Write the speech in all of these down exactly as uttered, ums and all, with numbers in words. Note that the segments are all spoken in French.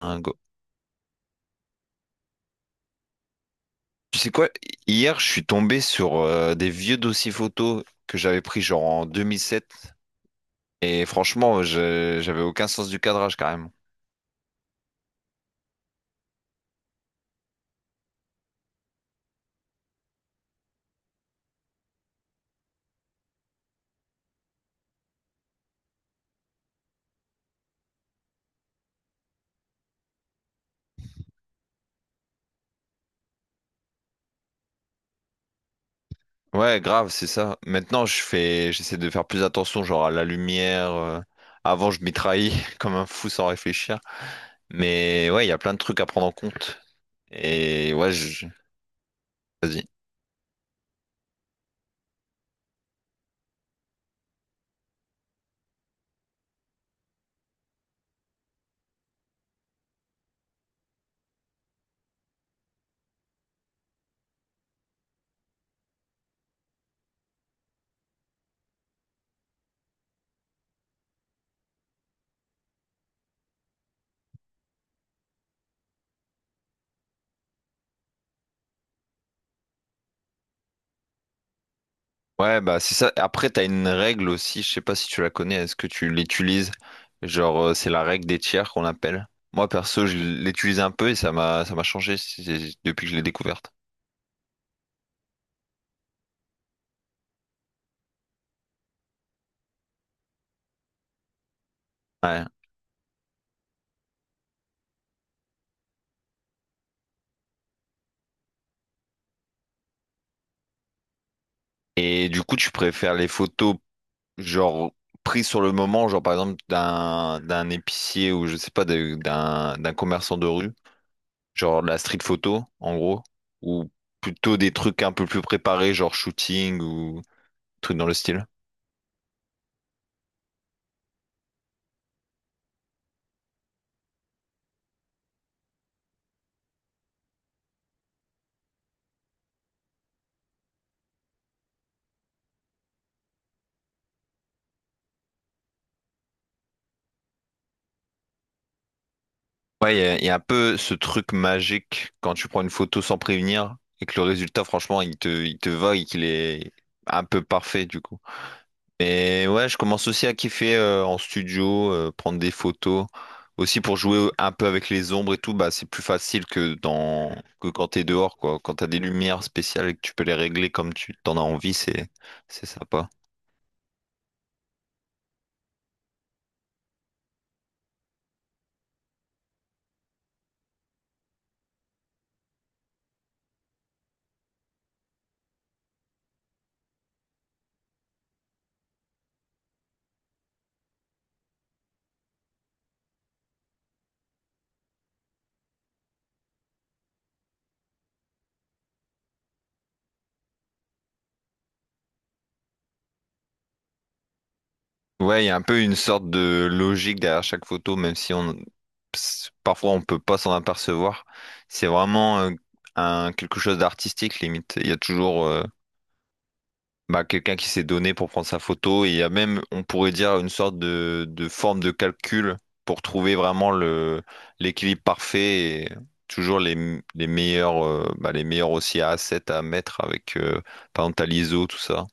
Un go. Tu sais quoi? Hier, je suis tombé sur euh, des vieux dossiers photos que j'avais pris genre en deux mille sept. Et franchement, je- j'avais aucun sens du cadrage carrément. Ouais, grave, c'est ça. Maintenant, je fais, j'essaie de faire plus attention, genre à la lumière. Euh. Avant, je m'y trahis comme un fou sans réfléchir. Mais ouais, il y a plein de trucs à prendre en compte. Et ouais, je... vas-y. Ouais, bah c'est ça. Après, t'as une règle aussi, je sais pas si tu la connais, est-ce que tu l'utilises? Genre, euh, c'est la règle des tiers qu'on appelle. Moi, perso, je l'utilise un peu et ça m'a ça m'a changé c'est- depuis que je l'ai découverte. Ouais. Et du coup, tu préfères les photos, genre, prises sur le moment, genre par exemple d'un d'un épicier ou je sais pas, de- d'un d'un commerçant de rue, genre de la street photo, en gros, ou plutôt des trucs un peu plus préparés, genre shooting ou trucs dans le style? Ouais, il y, a y a un peu ce truc magique quand tu prends une photo sans prévenir et que le résultat, franchement, il te, il te va et qu'il est un peu parfait du coup. Mais ouais, je commence aussi à kiffer euh, en studio, euh, prendre des photos. Aussi pour jouer un peu avec les ombres et tout, bah c'est plus facile que dans que quand t'es dehors, quoi. Quand t'as des lumières spéciales et que tu peux les régler comme tu t'en as envie, c'est c'est sympa. Ouais, il y a un peu une sorte de logique derrière chaque photo, même si on ps- parfois on peut pas s'en apercevoir. C'est vraiment euh, un, quelque chose d'artistique limite. Il y a toujours euh, bah, quelqu'un qui s'est donné pour prendre sa photo et il y a même, on pourrait dire, une sorte de, de forme de calcul pour trouver vraiment le, l'équilibre parfait et toujours les, m- les meilleurs, euh, bah, les meilleurs aussi à sept à mettre avec euh, par exemple, t'as l'I S O, tout ça.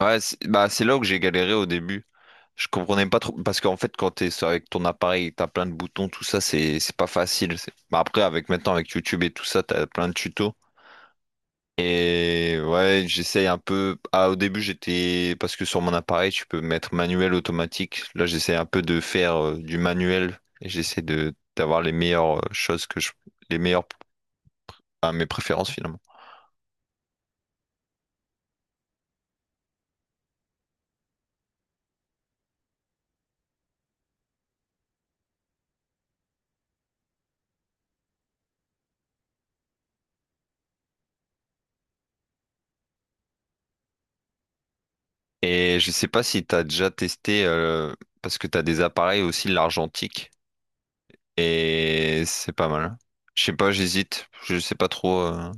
Ouais, c'est bah, c'est là que j'ai galéré au début. Je comprenais pas trop parce qu'en fait quand t'es avec ton appareil, et t'as plein de boutons, tout ça c'est c'est pas facile. c'est- Bah, après avec maintenant avec YouTube et tout ça, t'as plein de tutos. Et ouais, j'essaye un peu. Ah, au début j'étais parce que sur mon appareil tu peux mettre manuel automatique. Là j'essaie un peu de faire euh, du manuel et j'essaie de d'avoir les meilleures euh, choses que je les meilleurs à mes préférences finalement. Et je sais pas si tu as déjà testé, euh, parce que tu as des appareils aussi l'argentique, et c'est pas mal, hein. Je sais pas, j'hésite, je sais pas trop. Euh.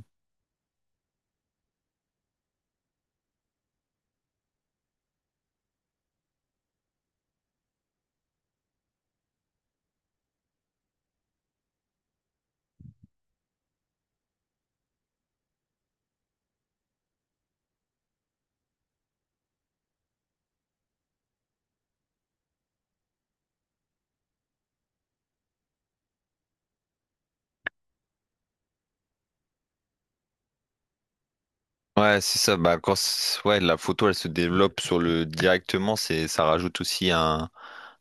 Ouais, c'est ça. Bah, quand c- ouais, la photo, elle se développe sur le directement, c'est ça rajoute aussi un,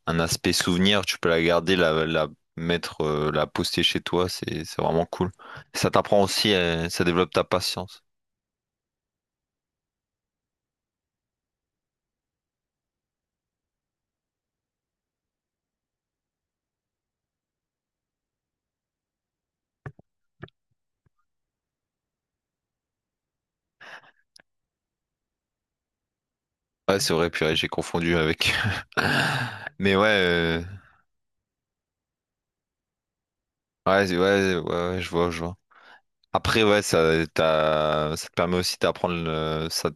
un aspect souvenir. Tu peux la garder, la, la mettre, euh, la poster chez toi. C'est c'est vraiment cool. Ça t'apprend aussi, euh, ça développe ta patience. Ouais, c'est vrai, purée, j'ai confondu avec. Mais ouais, euh, ouais, c'est- ouais, ouais, ouais, je vois, je vois. Après, ouais, ça, t'as- ça te permet aussi d'apprendre, euh, ça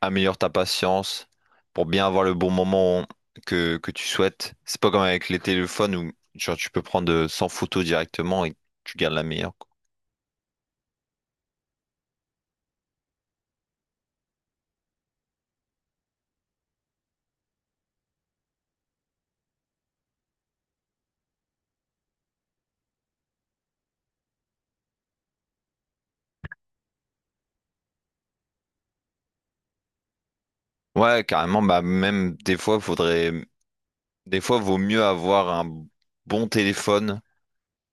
améliore ta patience pour bien avoir le bon moment que, que tu souhaites. C'est pas comme avec les téléphones où genre, tu peux prendre euh, cent photos directement et tu gardes la meilleure, quoi. Ouais, carrément, bah même des fois, faudrait des fois vaut mieux avoir un bon téléphone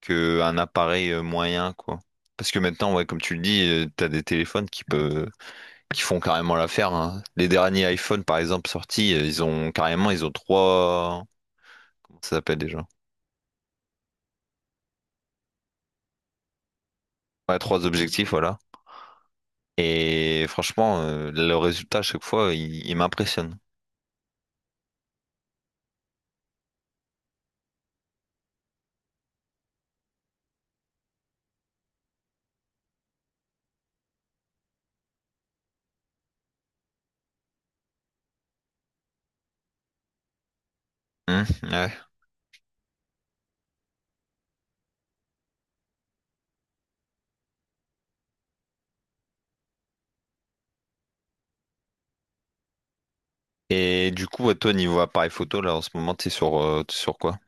que un appareil euh, moyen, quoi. Parce que maintenant, ouais, comme tu le dis, euh, t'as des téléphones qui peuvent qui font carrément l'affaire, hein. Les derniers iPhone, par exemple, sortis, euh, ils ont carrément ils ont trois ça s'appelle déjà. Ouais, trois objectifs, voilà. Et franchement, euh, le résultat à chaque fois, il, il m'impressionne. Hmm, ouais. Et du coup, à toi, niveau appareil photo, là, en ce moment, t'es sur, euh, t'es sur quoi?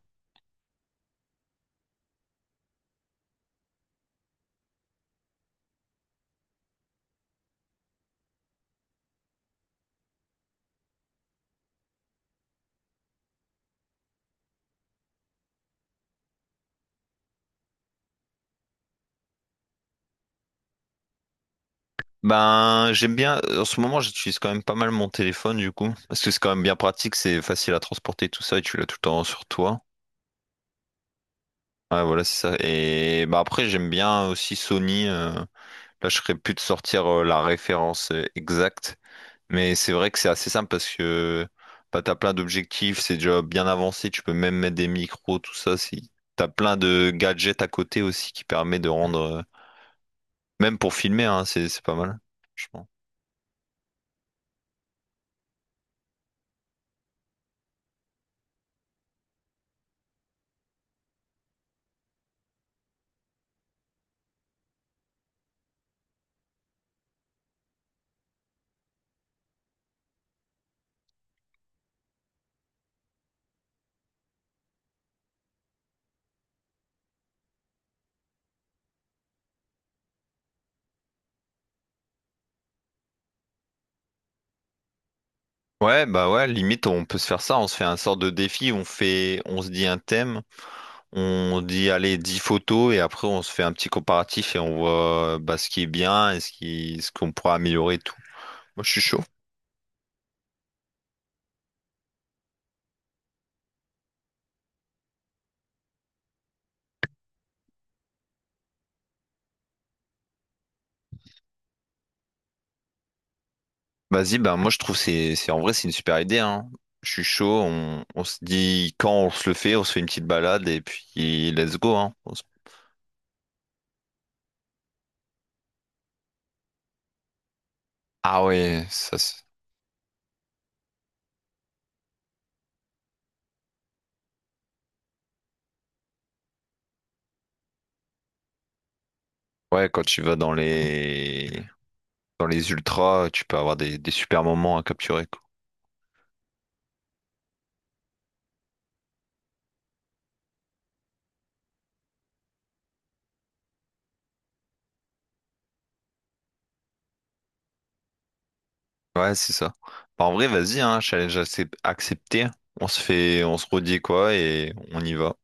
Ben, j'aime bien, euh, en ce moment, j'utilise quand même pas mal mon téléphone, du coup, parce que c'est quand même bien pratique, c'est facile à transporter, tout ça, et tu l'as tout le temps sur toi. Ouais, voilà, c'est ça. Et bah après, j'aime bien aussi Sony. Euh, là, je serais plus de sortir euh, la référence euh, exacte. Mais c'est vrai que c'est assez simple parce que bah, t'as plein d'objectifs, c'est déjà bien avancé, tu peux même mettre des micros, tout ça. Si... T'as plein de gadgets à côté aussi qui permet de rendre, euh, même pour filmer, hein, c'est c'est pas mal, franchement. Ouais, bah ouais, limite on peut se faire ça, on se fait un sort de défi, on fait, on se dit un thème, on dit allez dix photos et après on se fait un petit comparatif et on voit bah, ce qui est bien et ce qui, ce qu'on pourra améliorer et tout. Moi je suis chaud. Vas-y, ben moi je trouve c'est c'est en vrai c'est une super idée, hein. Je suis chaud, on, on se dit quand on se le fait, on se fait une petite balade et puis let's go, hein. On se- Ah ouais, ça c'est- ouais quand tu vas dans les dans les ultras, tu peux avoir des, des super moments à capturer, quoi. Ouais, c'est ça. Bah, en vrai, vas-y, hein, challenge accep- accepté. On se fait, on se redit quoi et on y va.